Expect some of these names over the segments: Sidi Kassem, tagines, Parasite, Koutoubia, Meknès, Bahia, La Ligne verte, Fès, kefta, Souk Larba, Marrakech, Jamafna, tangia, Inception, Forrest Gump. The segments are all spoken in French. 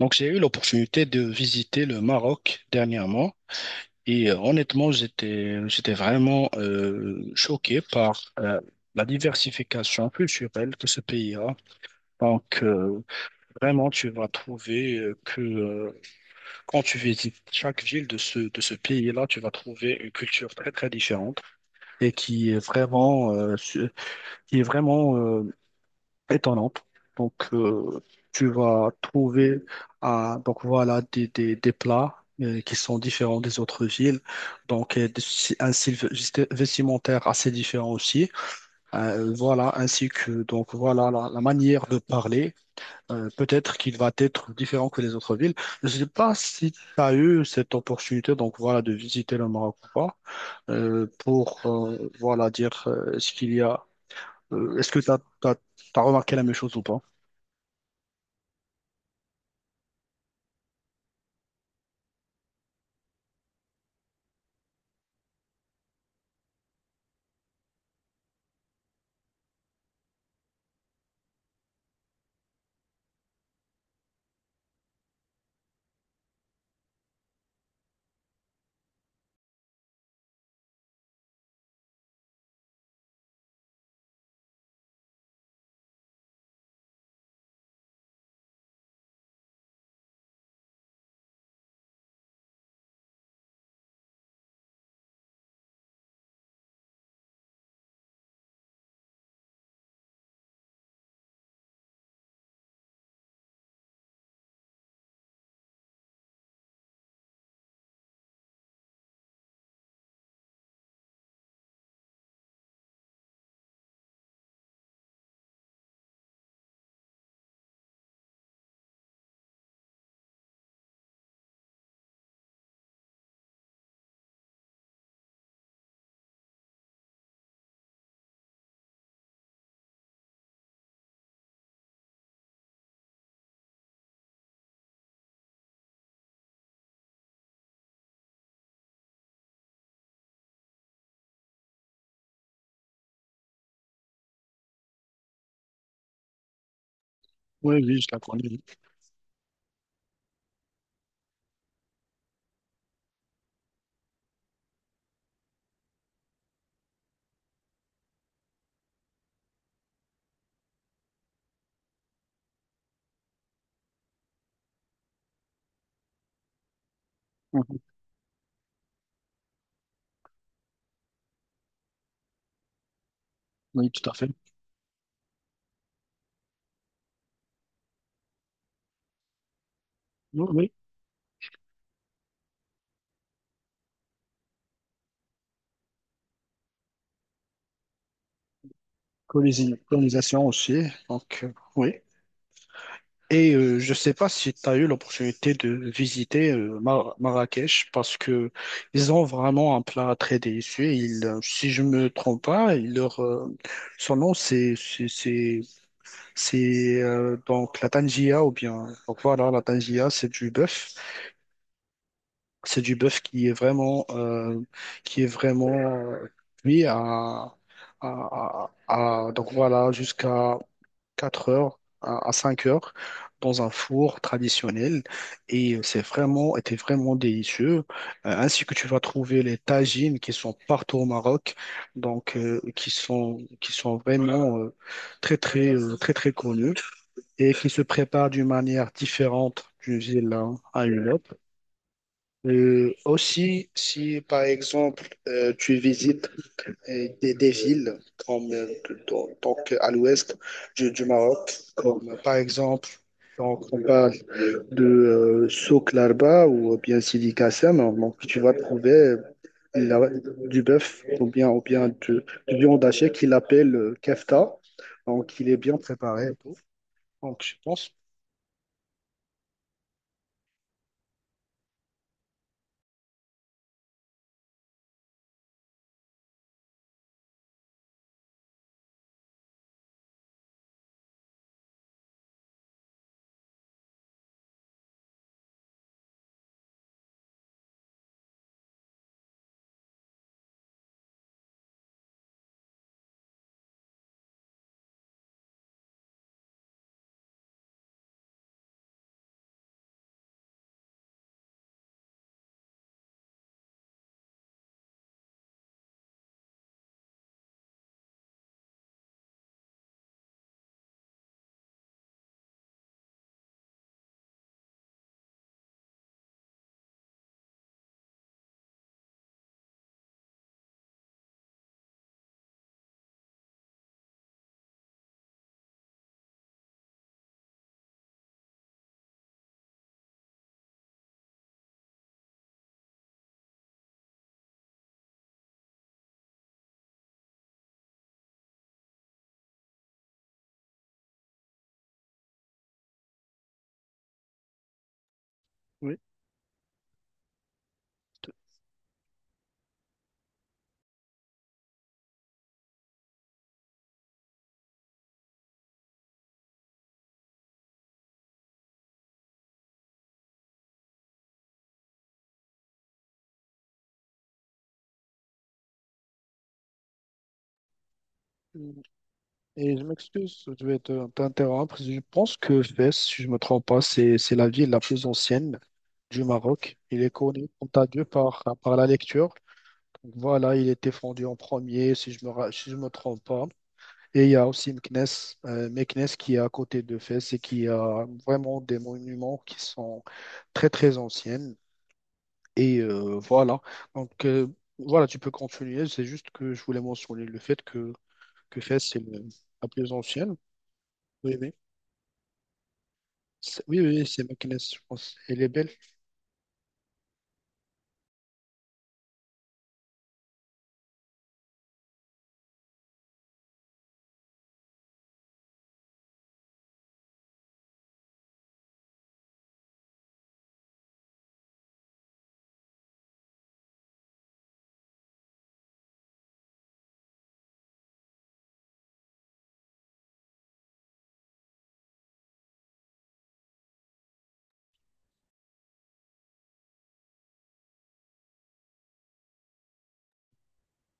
Donc, j'ai eu l'opportunité de visiter le Maroc dernièrement et honnêtement, j'étais vraiment choqué par la diversification culturelle que ce pays a. Donc, euh, Vraiment, tu vas trouver que quand tu visites chaque ville de de ce pays-là, tu vas trouver une culture très, très différente et qui est vraiment, qui est vraiment étonnante. Donc, euh, Tu vas trouver ah, donc voilà, des plats qui sont différents des autres villes. Si, un style vestimentaire assez différent aussi. Voilà, ainsi que donc voilà la manière de parler. Peut-être qu'il va être différent que les autres villes. Je ne sais pas si tu as eu cette opportunité donc voilà, de visiter le Maroc ou pas pour voilà, dire ce qu'il y a. Est-ce que tu as, t'as, t'as t'as remarqué la même chose ou pas? Oui, oui, je la connais. Mhm. Oui, tout à fait. Oui, oui. Colonisation aussi. Donc, oui. Et je ne sais pas si tu as eu l'opportunité de visiter Marrakech parce que ils ont vraiment un plat très délicieux. Ils, si je me trompe pas, ils leur, son nom, c'est, donc la tangia ou bien. Donc voilà, la tangia, c'est du bœuf. C'est du bœuf qui est vraiment cuit à- donc voilà, jusqu'à 4 heures, à 5 heures, dans un four traditionnel. Et c'est vraiment, était vraiment délicieux. Ainsi que tu vas trouver les tagines qui sont partout au Maroc, donc qui sont vraiment très, très, très, très connus et qui se préparent d'une manière différente d'une ville à une autre. Aussi, si par exemple tu visites des villes comme donc, à l'ouest du Maroc, comme par exemple, donc on parle de Souk Larba ou bien Sidi Kassem, hein, donc tu vas trouver la- du bœuf ou bien du viande hachée qu'il appelle kefta, donc il est bien préparé. Et tout. Donc je pense, oui. Et je m'excuse, t'interrompre. Je pense que Fès, si je ne me trompe pas, c'est la ville la plus ancienne du Maroc. Il est connu, quant à Dieu, par la lecture. Donc voilà, il était fondé en premier, si je me trompe pas. Et il y a aussi Meknès, Meknès qui est à côté de Fès et qui a vraiment des monuments qui sont très, très anciens. Et voilà. Donc euh, voilà, tu peux continuer. C'est juste que je voulais mentionner le fait que Fès, c'est la plus ancienne. Oui, oui. C'est- Oui, oui, c'est Meknès, je pense. Elle est belle.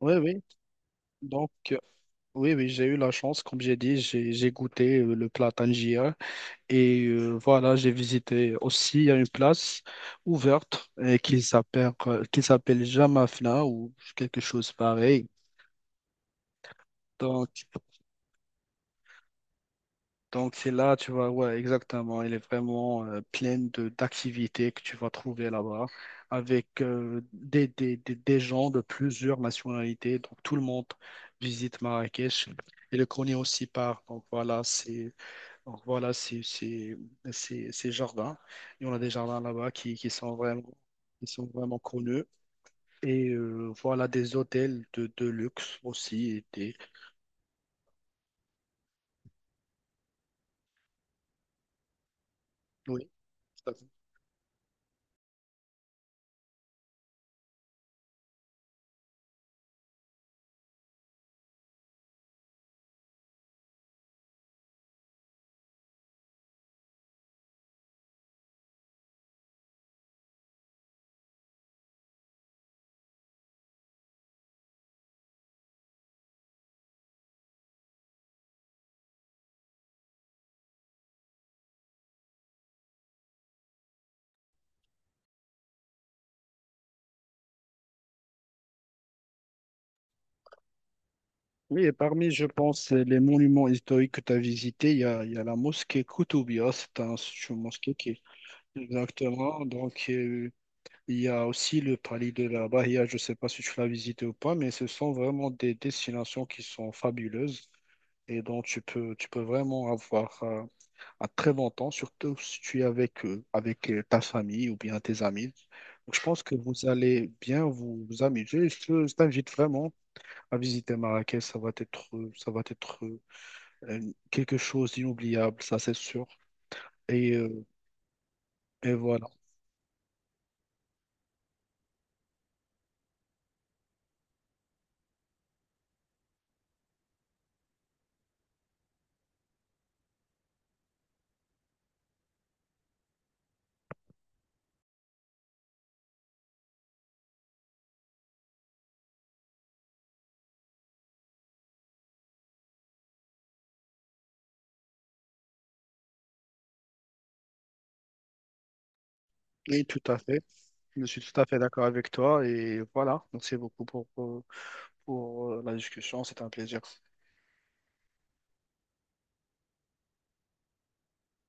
Oui, oui. Donc, euh, oui, oui, j'ai eu la chance, comme j'ai dit, j'ai goûté le plat tangier. Et voilà, j'ai visité aussi, il y a une place ouverte qui s'appelle Jamafna ou quelque chose pareil. Donc, Donc c'est là, tu vois, ouais, exactement. Il est vraiment plein de d'activités que tu vas trouver là-bas, avec des gens de plusieurs nationalités. Donc tout le monde visite Marrakech. Et le connaît aussi par, donc voilà, donc voilà, c'est c'est c'est ces jardins. Et on a des jardins là-bas qui sont vraiment connus. Et voilà des hôtels de luxe aussi. Et des- oui. Oui, et parmi, je pense, les monuments historiques que tu as visités, il y a la mosquée Koutoubia, c'est c'est une mosquée qui est exactement. Donc, il y a aussi le palais de la Bahia, je ne sais pas si tu l'as visité ou pas, mais ce sont vraiment des destinations qui sont fabuleuses et dont tu peux vraiment avoir un très bon temps, surtout si tu es avec, ta famille ou bien tes amis. Donc, je pense que vous allez bien vous amuser. Je t'invite vraiment. À visiter Marrakech, ça va être quelque chose d'inoubliable, ça c'est sûr. Et, euh, et voilà. Oui, tout à fait. Je suis tout à fait d'accord avec toi et voilà. Merci beaucoup pour la discussion. C'était un plaisir.